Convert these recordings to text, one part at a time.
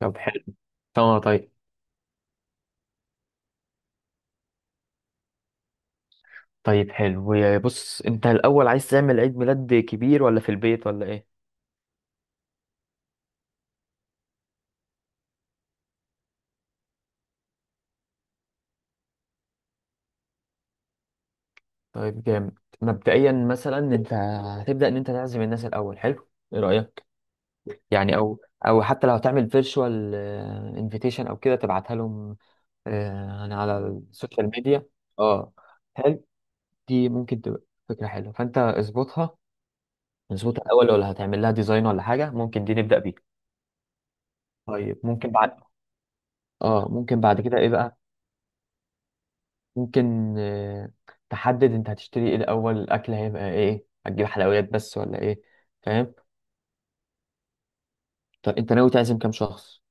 طب حلو. اه، طيب. طيب حلو، يا بص انت الاول عايز تعمل عيد ميلاد كبير ولا في البيت ولا ايه؟ طيب جامد. مبدئيا مثلا انت هتبدا ان انت تعزم الناس الاول. حلو، ايه رايك؟ يعني او حتى لو هتعمل فيرتشوال انفيتيشن او كده تبعتها لهم. انا على السوشيال ميديا. اه، حلو. دي ممكن تبقى فكره حلوه، فانت اظبطها الاول، ولا هتعمل لها ديزاين ولا حاجه؟ ممكن دي نبدا بيها. طيب، ممكن بعد كده ايه بقى؟ ممكن تحدد انت هتشتري ايه الاول، الاكل هيبقى ايه، هتجيب حلويات بس ولا ايه؟ فاهم؟ طب انت ناوي تعزم كام شخص؟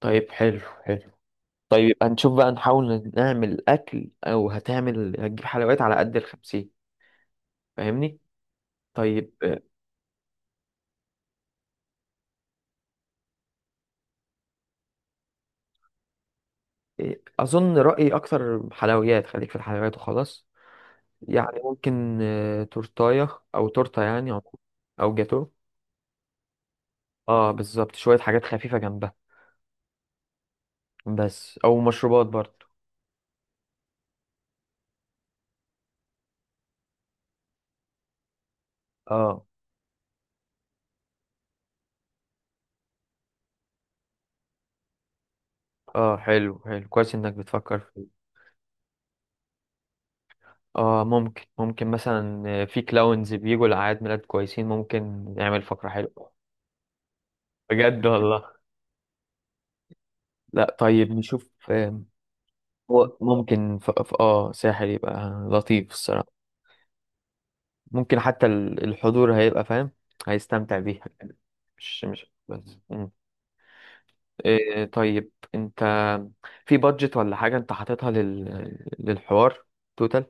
طيب، حلو حلو. طيب يبقى نشوف بقى، نحاول نعمل اكل او هتجيب حلويات على قد الخمسين. فاهمني؟ طيب. اظن رأيي اكتر حلويات، خليك في الحلويات وخلاص. يعني ممكن تورتاية او تورتة، يعني، او جاتو. اه، بالظبط، شوية حاجات خفيفة جنبها. بس، او مشروبات برضه. اه، اه، حلو، حلو، كويس انك بتفكر فيه. اه، ممكن مثلا في كلاونز بيجوا لأعياد ميلاد كويسين، ممكن نعمل فقرة حلوة. بجد والله. لا، طيب نشوف. هو ممكن ف... ف... اه ساحر يبقى لطيف الصراحة. ممكن حتى الحضور هيبقى فاهم، هيستمتع بيها. مش بس. مم. إيه، طيب انت في بادجت ولا حاجة انت حاططها للحوار؟ توتال؟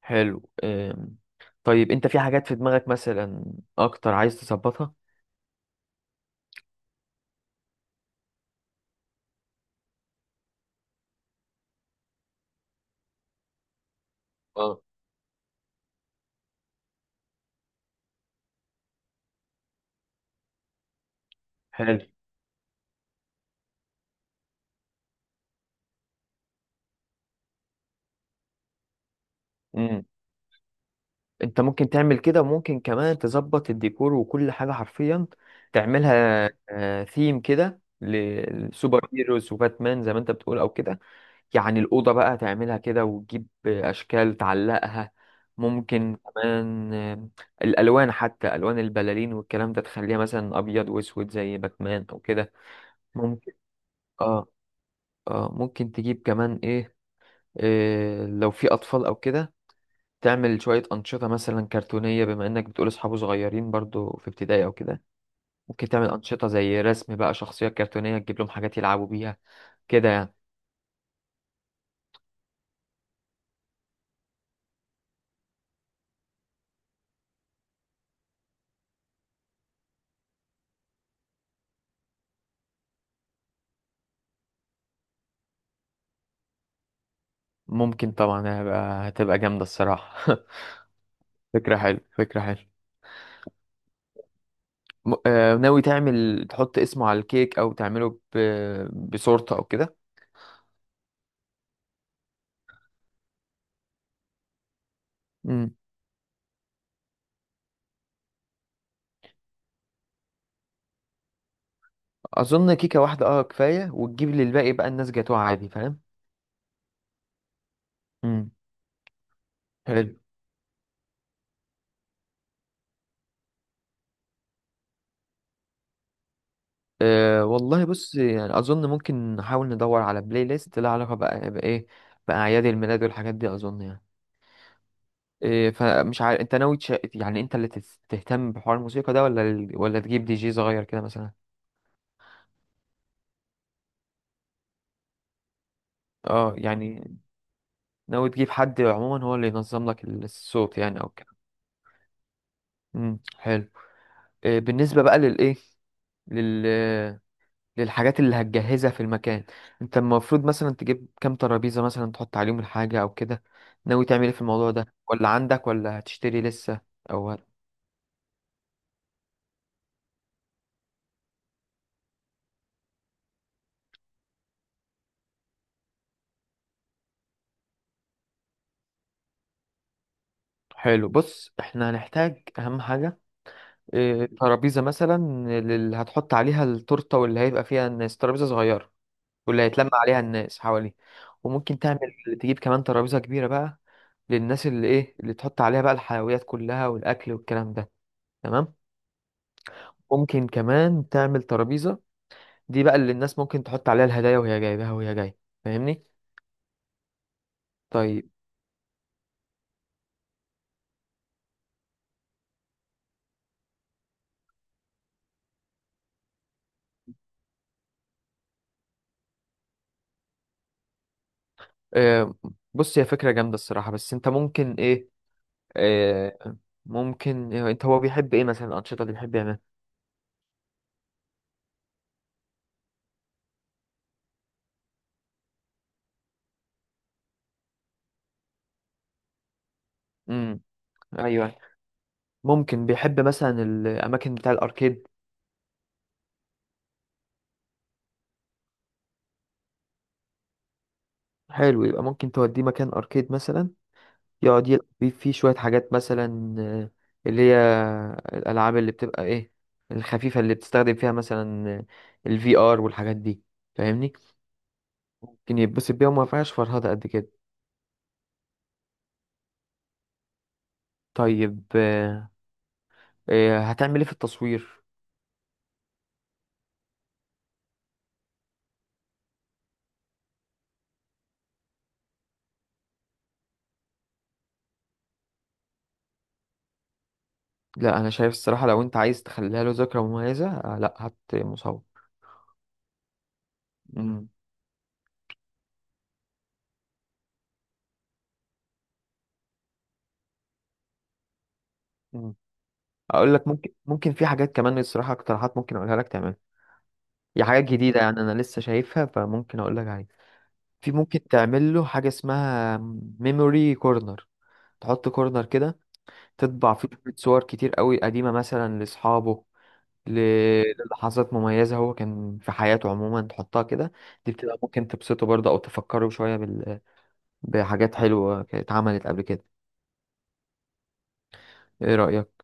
حلو. طيب، انت في حاجات في دماغك مثلا اكتر عايز تظبطها؟ اه، حلو. امم انت ممكن تعمل كده، وممكن كمان تظبط الديكور وكل حاجه حرفيا تعملها. ثيم كده للسوبر هيروز وباتمان زي ما انت بتقول او كده. يعني الاوضه بقى تعملها كده، وتجيب اشكال تعلقها. ممكن كمان الالوان، حتى الوان البلالين والكلام ده تخليها مثلا ابيض واسود زي باتمان او كده. ممكن. اه، اه، ممكن تجيب كمان ايه؟ لو في أطفال أو كده، تعمل شوية أنشطة مثلا كرتونية، بما إنك بتقول أصحابه صغيرين برضو في ابتدائي أو كده. ممكن تعمل أنشطة زي رسم بقى شخصية كرتونية، تجيب لهم حاجات يلعبوا بيها كده يعني. ممكن طبعا، هتبقى جامدة الصراحة. فكرة حلوة، فكرة حلوة. ناوي تعمل تحط اسمه على الكيك، أو تعمله بصورته أو كده؟ مم. أظن كيكة واحدة كفاية، وتجيب للباقي بقى الناس جاتوه عادي. فاهم؟ مم. حلو. أه، والله بص، يعني اظن ممكن نحاول ندور على بلاي ليست لها علاقه بقى بايه، باعياد الميلاد والحاجات دي، اظن يعني. فمش عارف انت ناوي يعني انت اللي تهتم بحوار الموسيقى ده، ولا ولا تجيب دي جي صغير كده مثلا؟ اه، يعني ناوي تجيب حد عموما هو اللي ينظم لك الصوت يعني، او كده؟ حلو. إيه، بالنسبه بقى للايه، لل للحاجات اللي هتجهزها في المكان، انت المفروض مثلا تجيب كام ترابيزة مثلا تحط عليهم الحاجة او كده؟ ناوي تعمل ايه في الموضوع ده، ولا عندك، ولا هتشتري لسه او هت- حلو. بص، احنا هنحتاج اهم حاجة اه ترابيزة مثلا، اللي هتحط عليها التورتة، واللي هيبقى فيها الناس ترابيزة صغيرة واللي هيتلم عليها الناس حواليه. وممكن تجيب كمان ترابيزة كبيرة بقى للناس، اللي تحط عليها بقى الحلويات كلها والاكل والكلام ده. تمام. ممكن كمان تعمل ترابيزة دي بقى اللي الناس ممكن تحط عليها الهدايا وهي جايبها وهي جاية. فاهمني؟ طيب. آه بص، هي فكرة جامدة الصراحة، بس انت ممكن ايه؟ آه ممكن إيه انت هو بيحب ايه مثلا، الأنشطة اللي بيحب يعملها؟ امم ايوه، ممكن بيحب مثلا الأماكن بتاع الأركيد. حلو، يبقى ممكن توديه مكان أركيد مثلا، يقعد يلعب بيه فيه شوية حاجات مثلا، اللي هي الألعاب اللي بتبقى ايه، الخفيفة اللي بتستخدم فيها مثلا الفي ار والحاجات دي. فاهمني؟ كان يتبسط بيها وما فيهاش فرهدة قد كده. طيب. هتعمل ايه في التصوير؟ لا، انا شايف الصراحة لو انت عايز تخليها له ذكرى مميزة، لا، هات مصور. مم. مم. اقول لك، ممكن في حاجات كمان الصراحة، اقتراحات ممكن اقولها لك تعملها. هي حاجات جديدة يعني انا لسه شايفها، فممكن اقول لك عليها. في، ممكن تعمل له حاجة اسمها ميموري كورنر، تحط كورنر كده، تطبع فيه شوية صور كتير قوي قديمة مثلا لاصحابه، للحظات مميزة هو كان في حياته عموما، تحطها كده. دي بتبقى ممكن تبسطه برضه، أو تفكره شوية بحاجات حلوة كانت اتعملت قبل كده. إيه رأيك؟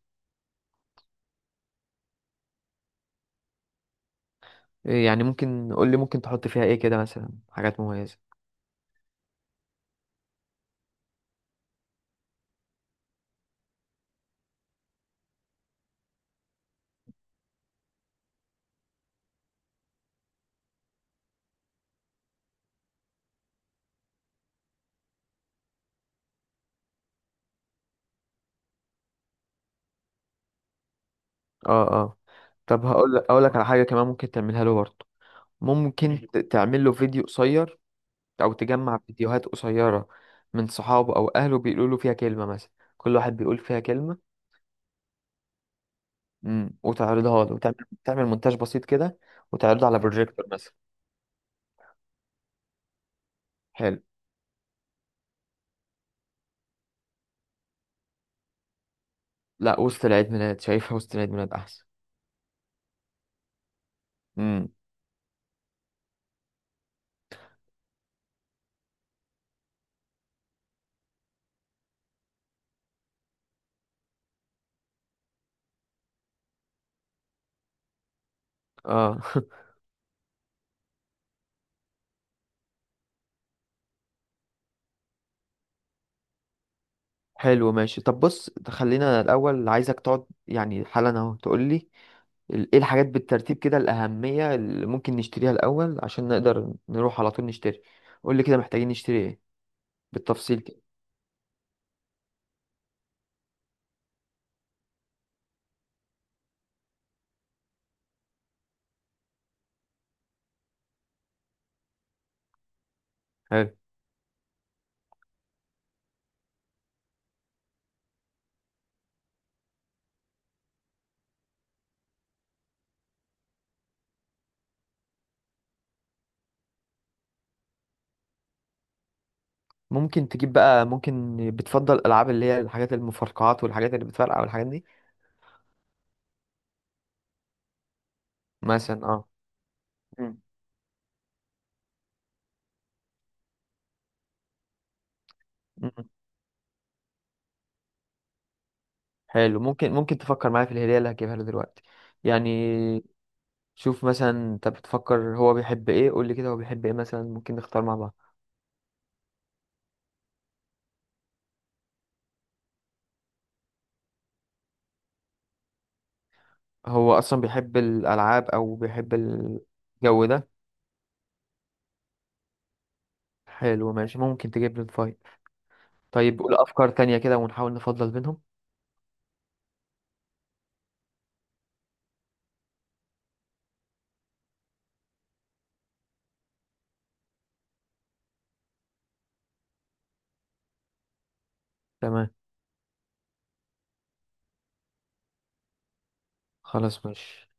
يعني ممكن قول لي ممكن تحط فيها إيه كده مثلا، حاجات مميزة. آه، آه. طب، هقول لك أقول لك على حاجة كمان ممكن تعملها له برضه. ممكن تعمل له فيديو قصير، أو تجمع فيديوهات قصيرة من صحابه أو أهله بيقولوا له فيها كلمة مثلا، كل واحد بيقول فيها كلمة. مم. وتعرضها له، وتعمل مونتاج بسيط كده، وتعرضه على بروجيكتور مثلا. حلو. لا، وسط العيد ميلاد شايفها، وسط العيد ميلاد احسن. امم، اه. حلو، ماشي. طب بص، خلينا الاول عايزك تقعد يعني حالا اهو، تقول لي ايه الحاجات بالترتيب كده الاهميه، اللي ممكن نشتريها الاول عشان نقدر نروح على طول نشتري. قول لي كده، محتاجين نشتري ايه بالتفصيل كده. حلو. ممكن تجيب بقى، ممكن بتفضل الالعاب اللي هي الحاجات المفرقعات والحاجات اللي بتفرقع والحاجات دي. مثلا، اه. مم. مم. حلو. ممكن تفكر معايا في الهدية اللي هجيبها له دلوقتي، يعني. شوف مثلا انت بتفكر هو بيحب ايه، قول لي كده هو بيحب ايه مثلا، ممكن نختار مع بعض. هو اصلا بيحب الالعاب، او بيحب الجو ده؟ حلو ماشي، ممكن تجيب لي الفايل. طيب، قول افكار تانية كده ونحاول نفضل بينهم. تمام. خلاص ماشي.